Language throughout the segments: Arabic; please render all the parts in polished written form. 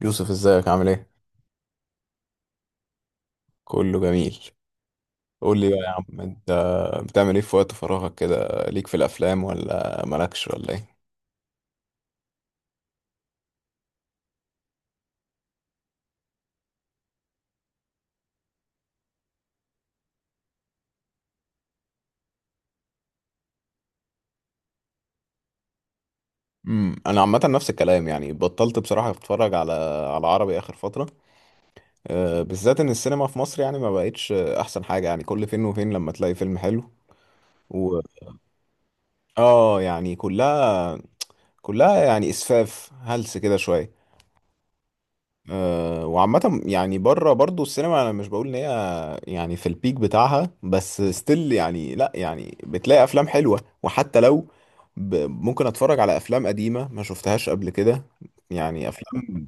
يوسف، ازيك عامل ايه؟ كله جميل. قول لي بقى يا عم انت، بتعمل ايه في وقت فراغك كده؟ ليك في الافلام ولا مالكش ولا ايه؟ انا عامه نفس الكلام، يعني بطلت بصراحه اتفرج على عربي اخر فتره. بالذات ان السينما في مصر يعني ما بقتش احسن حاجه، يعني كل فين وفين لما تلاقي فيلم حلو. و اه، يعني كلها يعني اسفاف هلس كده شويه. وعامه يعني بره برضو السينما، انا مش بقول ان هي يعني في البيك بتاعها، بس ستيل يعني، لا يعني بتلاقي افلام حلوة، وحتى لو ممكن اتفرج على افلام قديمة ما شفتهاش قبل كده. يعني افلام،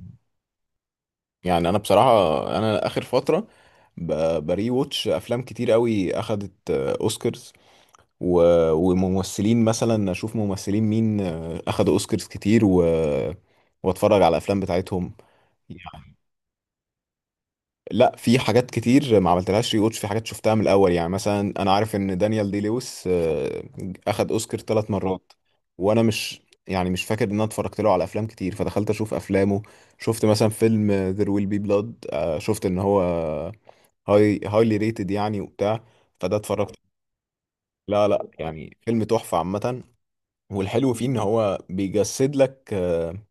يعني انا بصراحة، انا اخر فترة ب... بري ووتش افلام كتير قوي، اخدت اوسكارز، و... وممثلين مثلا اشوف ممثلين مين اخدوا اوسكارز كتير واتفرج على الافلام بتاعتهم. يعني لا، في حاجات كتير ما عملتلهاش ري واتش، في حاجات شفتها من الاول. يعني مثلا انا عارف ان دانيال دي لويس اخد اوسكار 3 مرات، وانا مش، يعني مش فاكر ان انا اتفرجت له على افلام كتير، فدخلت اشوف افلامه. شفت مثلا فيلم ذير ويل بي بلاد، شفت ان هو هايلي ريتد يعني وبتاع، فده اتفرجت. لا لا، يعني فيلم تحفة عامة. والحلو فيه ان هو بيجسد لك،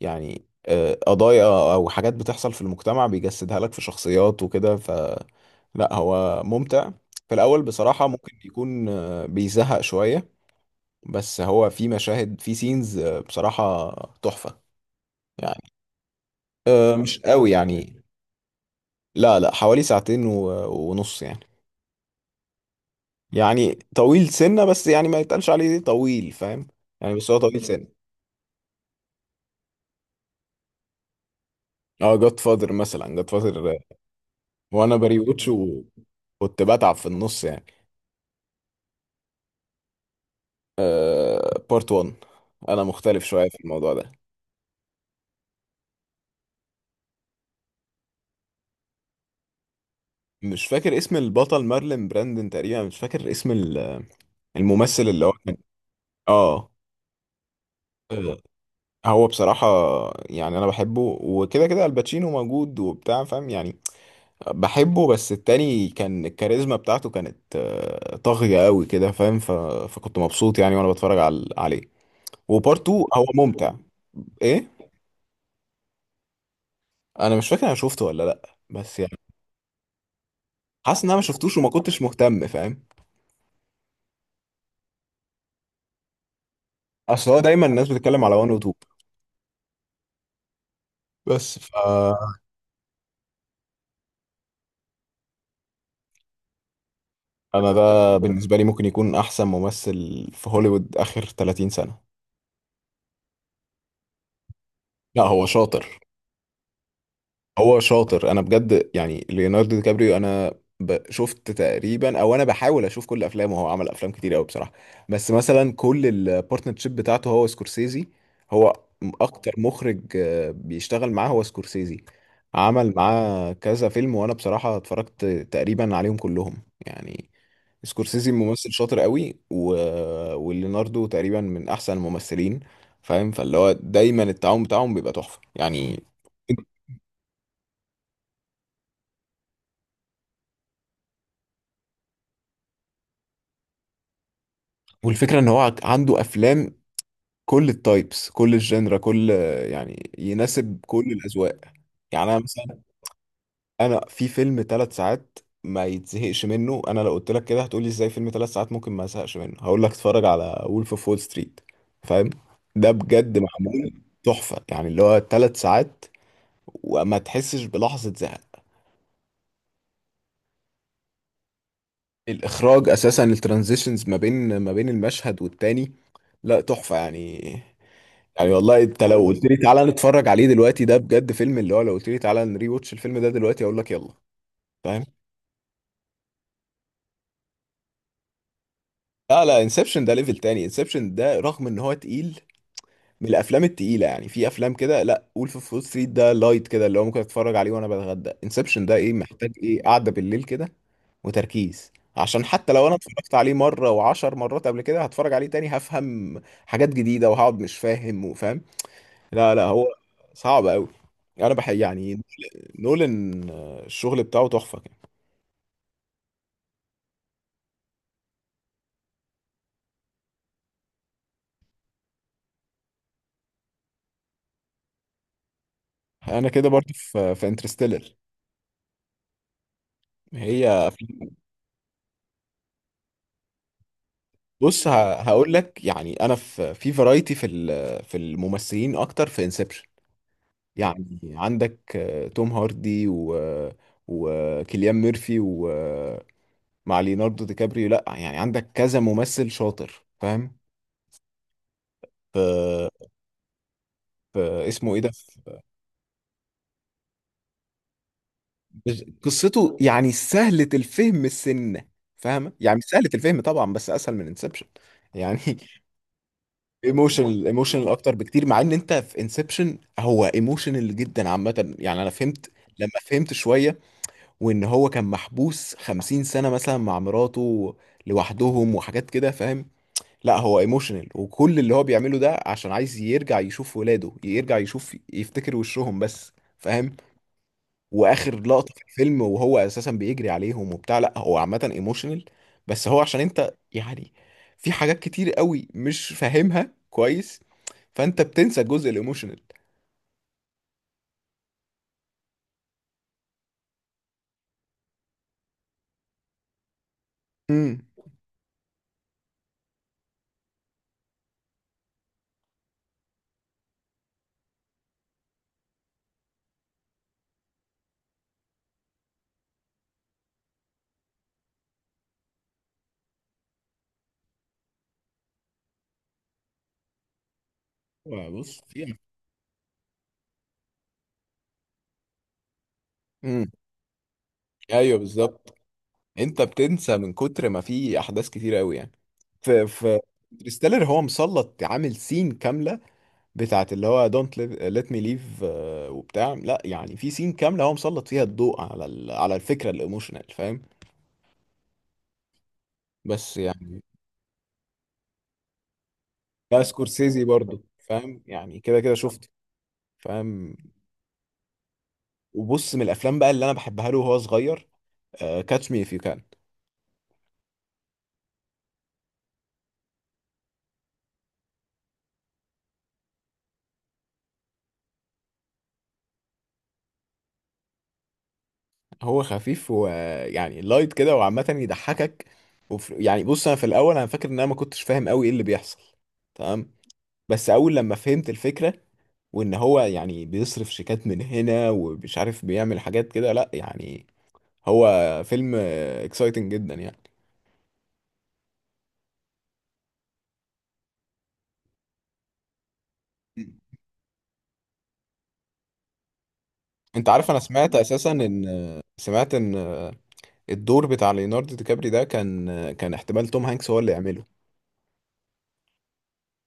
يعني قضايا او حاجات بتحصل في المجتمع، بيجسدها لك في شخصيات وكده. ف لا هو ممتع، في الاول بصراحة ممكن يكون بيزهق شوية، بس هو في مشاهد، في سينز بصراحة تحفة. يعني مش قوي يعني، لا لا، حوالي ساعتين و- ونص يعني. يعني طويل سنة، بس يعني ما يتقالش عليه طويل، فاهم؟ يعني بس هو طويل سنة. اه، جاد فاذر مثلا، جاد فاذر، وانا بريوتش وكنت بتعب في النص يعني. آه، بارت 1. انا مختلف شويه في الموضوع ده. مش فاكر اسم البطل، مارلين براندن تقريبا، مش فاكر اسم الممثل اللي هو كان. اه. آه، هو بصراحه، يعني انا بحبه، وكده كده الباتشينو موجود وبتاع، فاهم يعني. بحبه، بس التاني كان الكاريزما بتاعته كانت طاغيه قوي كده، فاهم؟ فكنت مبسوط يعني وانا بتفرج عليه. وبارت 2 هو ممتع. ايه؟ انا مش فاكر انا شفته ولا لا، بس يعني حاسس ان انا ما شفتوش وما كنتش مهتم، فاهم؟ اصل هو دايما الناس بتتكلم على وان وتو. بس فانا، ده بالنسبه لي ممكن يكون احسن ممثل في هوليوود اخر 30 سنه. لا هو شاطر، هو شاطر، انا بجد يعني ليوناردو دي كابريو، انا شفت تقريبا، او انا بحاول اشوف كل افلامه. هو عمل افلام كتير قوي بصراحه. بس مثلا كل البارتنرشيب بتاعته هو سكورسيزي، هو اكتر مخرج بيشتغل معاه هو سكورسيزي، عمل معاه كذا فيلم، وانا بصراحه اتفرجت تقريبا عليهم كلهم يعني. سكورسيزي ممثل شاطر قوي، وليوناردو تقريبا من احسن الممثلين، فاهم؟ فاللي هو دايما التعاون بتاعهم بيبقى تحفه يعني. والفكرة ان هو عنده افلام، كل التايبس، كل الجنرا، كل، يعني يناسب كل الاذواق. يعني انا مثلا، انا في فيلم 3 ساعات ما يتزهقش منه. انا لو قلت لك كده هتقولي ازاي فيلم 3 ساعات ممكن ما ازهقش منه؟ هقول لك اتفرج على وولف اوف وول ستريت، فاهم؟ ده بجد معمول تحفة يعني، اللي هو 3 ساعات وما تحسش بلحظة زهق. الاخراج اساسا، الترانزيشنز ما بين المشهد والتاني، لا تحفة يعني. يعني والله انت لو قلت يعني لي تعالى نتفرج عليه دلوقتي، ده بجد فيلم، اللي هو لو قلت لي تعالى نري واتش الفيلم ده دلوقتي، اقول لك يلا. فاهم؟ لا لا، انسبشن ده ليفل تاني. انسبشن ده رغم ان هو تقيل، من الافلام التقيله يعني. في افلام كده، لا، وولف اوف وول ستريت ده لايت كده، اللي هو ممكن اتفرج عليه وانا بتغدى. انسبشن ده ايه، محتاج ايه، قعده بالليل كده وتركيز، عشان حتى لو انا اتفرجت عليه مره وعشر مرات قبل كده، هتفرج عليه تاني هفهم حاجات جديده، وهقعد مش فاهم وفاهم. لا لا، هو صعب قوي، انا بحب يعني نولان. الشغل بتاعه تحفة كان. انا كده برضه في انترستيلر. هي بص، هقول لك يعني، انا في فرايتي في في الممثلين اكتر في انسبشن. يعني عندك توم هاردي، وكيليان ميرفي، ليوناردو دي كابريو، لا يعني عندك كذا ممثل شاطر، فاهم؟ في في اسمه ايه ده، قصته يعني سهلة الفهم السنة، فاهمة يعني، مش سهلة الفهم طبعا، بس اسهل من انسبشن يعني ايموشنال، ايموشنال اكتر بكتير، مع ان انت في انسبشن هو ايموشنال جدا عامه. يعني انا فهمت لما فهمت شويه، وان هو كان محبوس 50 سنه مثلا مع مراته لوحدهم وحاجات كده، فاهم؟ لا هو ايموشنال، وكل اللي هو بيعمله ده عشان عايز يرجع يشوف ولاده، يرجع يشوف يفتكر وشهم بس، فاهم؟ واخر لقطه في الفيلم، وهو اساسا بيجري عليهم وبتاع، لا هو عامه ايموشنال. بس هو عشان انت يعني في حاجات كتير قوي مش فاهمها كويس، فانت بتنسى الجزء الايموشنال. امم بص، في امم ايوه بالظبط. انت بتنسى من كتر ما في احداث كتير قوي يعني. في انترستيلر هو مسلط عامل سين كامله بتاعت اللي هو دونت ليت مي ليف، وبتاع. لا يعني في سين كامله هو مسلط فيها الضوء على الفكره الايموشنال، فاهم؟ بس يعني، ده سكورسيزي برضو، فاهم؟ يعني كده كده شفته، فاهم؟ وبص، من الافلام بقى اللي انا بحبها له وهو صغير، كاتش مي اف يو كان. هو خفيف، ويعني لايت كده، وعامه يضحكك. يعني بص، انا في الاول انا فاكر ان انا ما كنتش فاهم قوي ايه اللي بيحصل. تمام. بس اول لما فهمت الفكره، وان هو يعني بيصرف شيكات من هنا ومش عارف بيعمل حاجات كده، لا يعني هو فيلم اكسايتنج جدا يعني. انت عارف انا سمعت اساسا ان الدور بتاع ليوناردو دي كابري ده كان، كان احتمال توم هانكس هو اللي يعمله.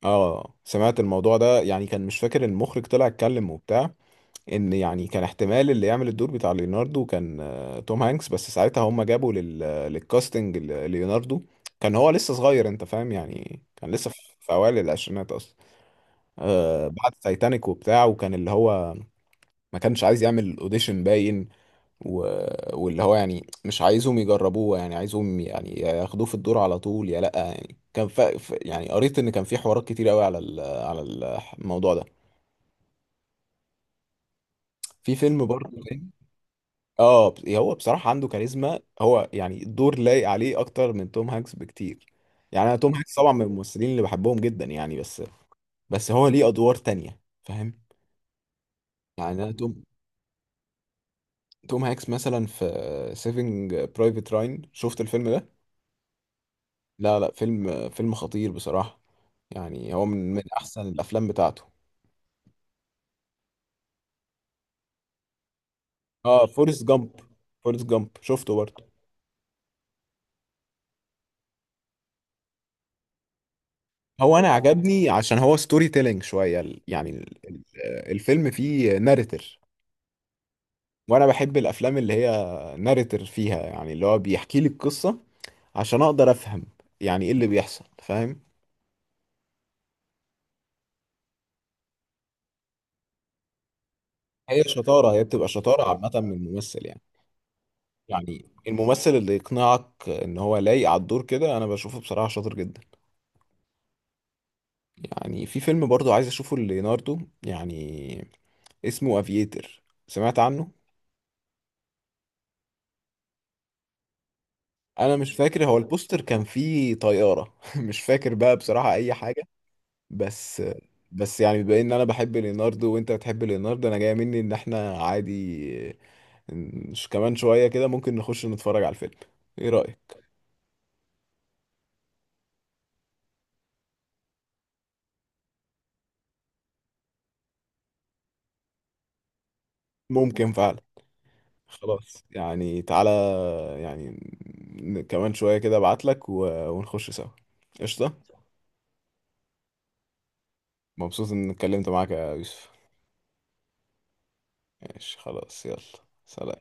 اه، سمعت الموضوع ده يعني، كان مش فاكر المخرج طلع اتكلم وبتاع، ان يعني كان احتمال اللي يعمل الدور بتاع ليوناردو كان توم هانكس. بس ساعتها هم جابوا للكاستنج ليوناردو، كان هو لسه صغير، انت فاهم؟ يعني كان لسه في اوائل العشرينات اصلا. آه، بعد تايتانيك وبتاع، وكان اللي هو ما كانش عايز يعمل اوديشن باين و... واللي هو يعني مش عايزهم يجربوه، يعني عايزهم يعني ياخدوه في الدور على طول، يا لأ يعني. كان يعني قريت إن كان في حوارات كتير قوي على الموضوع ده. في فيلم برضه تاني. اه، هو بصراحة عنده كاريزما، هو يعني الدور لايق عليه أكتر من توم هانكس بكتير. يعني أنا توم هانكس طبعا من الممثلين اللي بحبهم جدا يعني، بس. بس هو ليه أدوار تانية، فاهم؟ يعني أنا توم هانكس مثلا في سيفنج برايفت راين، شفت الفيلم ده؟ لا لا، فيلم خطير بصراحة، يعني هو من أحسن الأفلام بتاعته. اه، فورست جامب، فورست جامب شفته برضه. هو أنا عجبني عشان هو ستوري تيلينج شوية، يعني الفيلم فيه ناريتور. وأنا بحب الأفلام اللي هي ناريتور فيها يعني، اللي هو بيحكي لي القصة عشان أقدر أفهم، يعني إيه اللي بيحصل، فاهم؟ هي شطارة، هي بتبقى شطارة عامة من الممثل يعني. يعني الممثل اللي يقنعك إن هو لايق على الدور كده، أنا بشوفه بصراحة شاطر جدا. يعني في فيلم برضو عايز اشوفه ليوناردو يعني، اسمه افييتر، سمعت عنه؟ انا مش فاكر، هو البوستر كان فيه طيارة مش فاكر بقى بصراحة اي حاجة. بس بس يعني، بما ان انا بحب ليوناردو وانت بتحب ليوناردو، انا جاي مني ان احنا عادي مش كمان شوية كده ممكن نخش نتفرج على الفيلم. ايه رأيك؟ ممكن فعلا. خلاص يعني، تعالى يعني كمان شوية كده ابعتلك، و- ونخش سوا. قشطة. مبسوط اني اتكلمت معاك يا يوسف. ماشي خلاص، يلا، سلام.